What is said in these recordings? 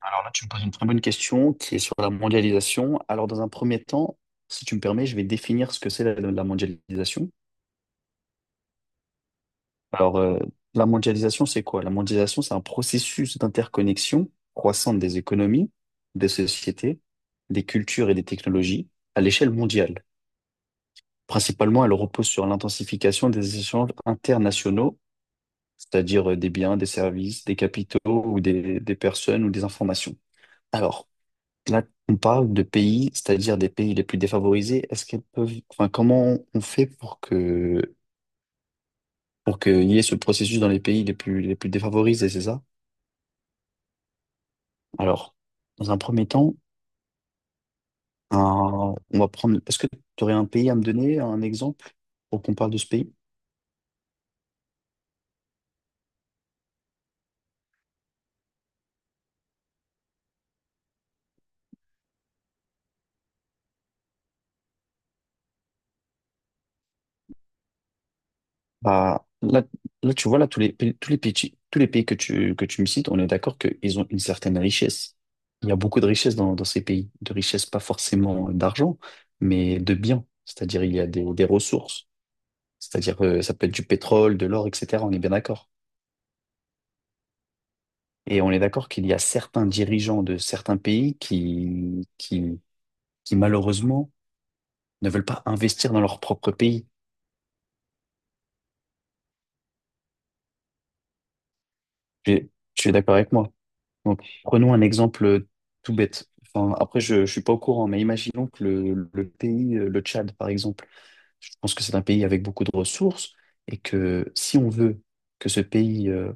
Alors là, tu me poses une très bonne question qui est sur la mondialisation. Alors, dans un premier temps, si tu me permets, je vais définir ce que c'est la mondialisation. Alors, la mondialisation, c'est quoi? La mondialisation, c'est un processus d'interconnexion croissante des économies, des sociétés, des cultures et des technologies à l'échelle mondiale. Principalement, elle repose sur l'intensification des échanges internationaux, c'est-à-dire des biens, des services, des capitaux ou des personnes ou des informations. Alors, là, on parle de pays, c'est-à-dire des pays les plus défavorisés. Est-ce qu'elles peuvent, enfin, comment on fait pour que, pour qu'il y ait ce processus dans les pays les plus défavorisés, c'est ça? Alors, dans un premier temps, on va prendre, est-ce que tu aurais un pays à me donner, un exemple pour qu'on parle de ce pays? Bah, là, tu vois, là, tous les pays que tu me cites, on est d'accord qu'ils ont une certaine richesse. Il y a beaucoup de richesse dans ces pays, de richesse pas forcément d'argent, mais de biens. C'est-à-dire, il y a des ressources. C'est-à-dire, ça peut être du pétrole, de l'or, etc. On est bien d'accord. Et on est d'accord qu'il y a certains dirigeants de certains pays qui malheureusement ne veulent pas investir dans leur propre pays. Tu es d'accord avec moi? Donc, prenons un exemple tout bête. Enfin, après, je ne suis pas au courant, mais imaginons que le pays, le Tchad, par exemple, je pense que c'est un pays avec beaucoup de ressources et que si on veut que ce pays,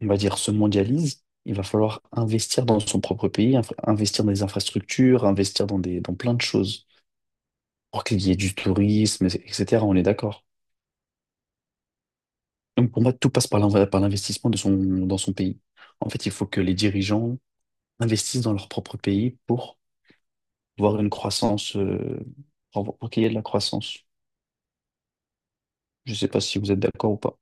on va dire, se mondialise, il va falloir investir dans son propre pays, investir dans des infrastructures, investir dans plein de choses pour qu'il y ait du tourisme, etc. On est d'accord. Donc pour moi, tout passe par par l'investissement de son, dans son pays. En fait, il faut que les dirigeants investissent dans leur propre pays pour voir une croissance, pour qu'il y ait de la croissance. Je ne sais pas si vous êtes d'accord ou pas.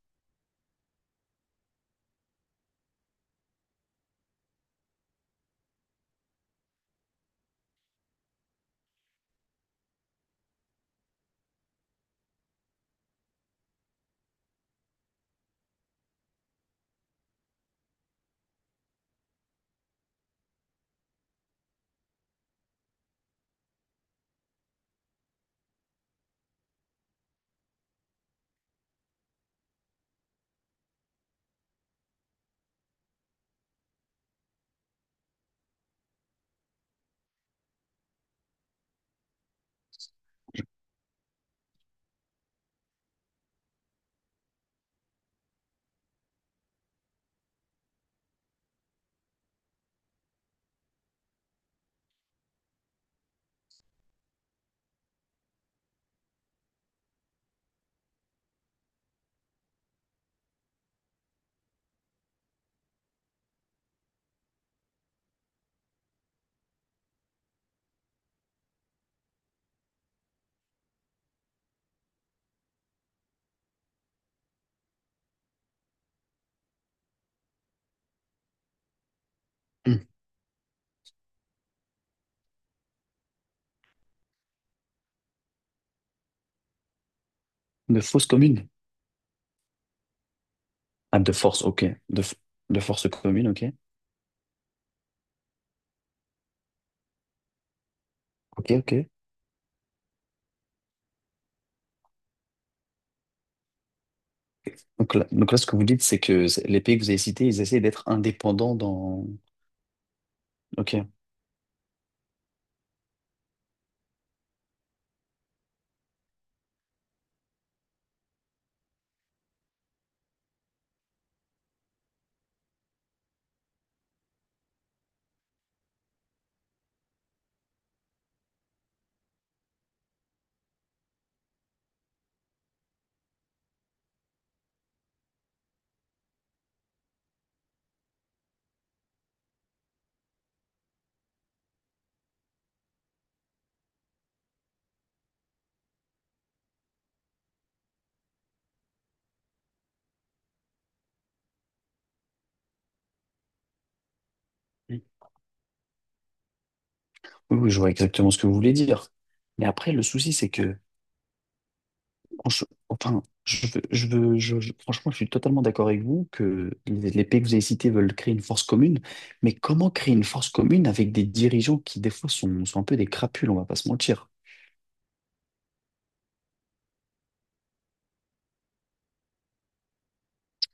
Hmm. De fausses communes. Ah, de force, ok. De force commune, ok. Ok, ok. Donc là, ce que vous dites, c'est que les pays que vous avez cités, ils essaient d'être indépendants dans... Ok. Oui, oui, je vois exactement ce que vous voulez dire. Mais après, le souci, c'est que... en Enfin, je veux, je veux, je- franchement, je suis totalement d'accord avec vous que les pays que vous avez cités veulent créer une force commune. Mais comment créer une force commune avec des dirigeants qui, des fois, sont un peu des crapules, on va pas se mentir.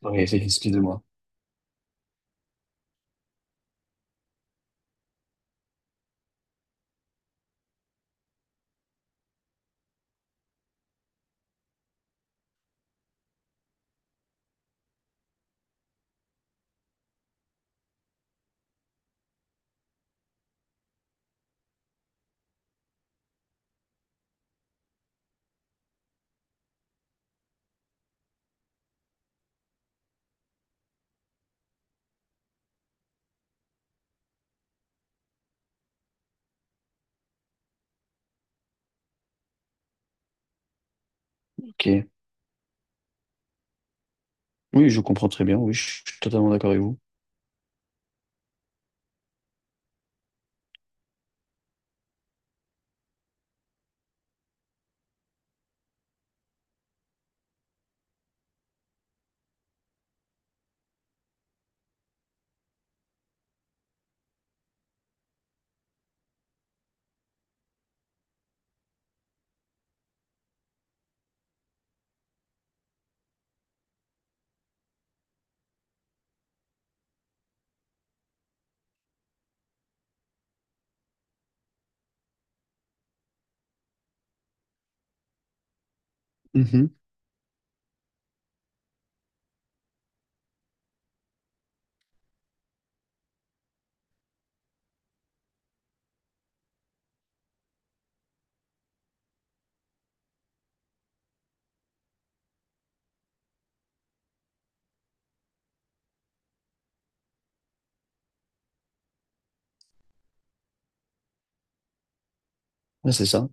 Oui, excusez-moi. Ok. Oui, je comprends très bien. Oui, je suis totalement d'accord avec vous. Mhm. Ouais, c'est ça.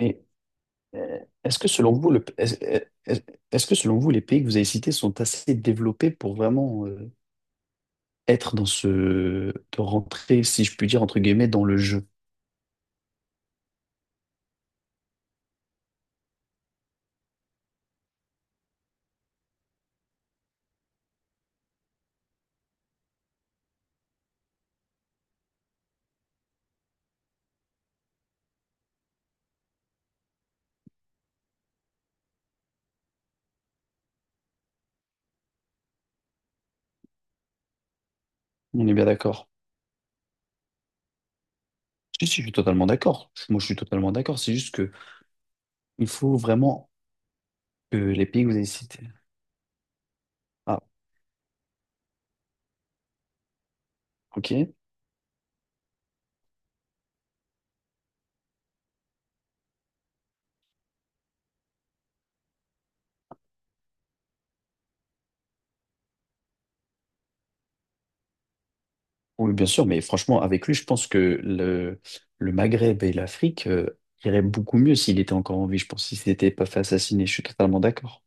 Mais est-ce que selon vous, est- est-ce que selon vous, les pays que vous avez cités sont assez développés pour vraiment être dans ce, de rentrer, si je puis dire, entre guillemets, dans le jeu? On est bien d'accord. Si, si, je suis totalement d'accord. Moi, je suis totalement d'accord. C'est juste que il faut vraiment que les pays que vous avez cités. Ah, ok. Oui, bien sûr, mais franchement, avec lui, je pense que le Maghreb et l'Afrique iraient beaucoup mieux s'il était encore en vie. Je pense s'il s'était pas fait assassiner. Je suis totalement d'accord.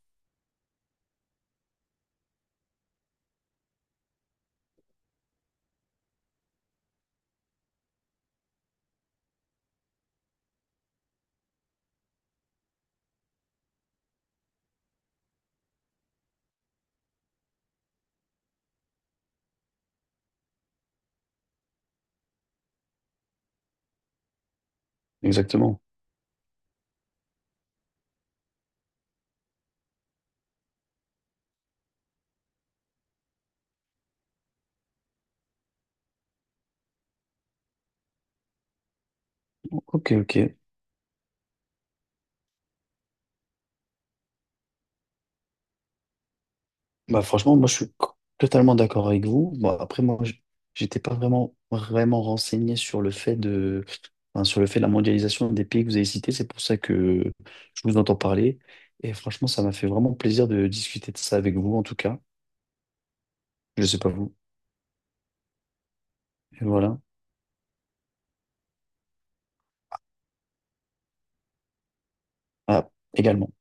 Exactement. Ok, ok. Bah franchement, moi je suis totalement d'accord avec vous. Bon, après, j'étais pas vraiment renseigné sur le fait de, enfin, sur le fait de la mondialisation des pays que vous avez cités. C'est pour ça que je vous entends parler. Et franchement, ça m'a fait vraiment plaisir de discuter de ça avec vous, en tout cas. Je sais pas vous. Et voilà. Ah, également.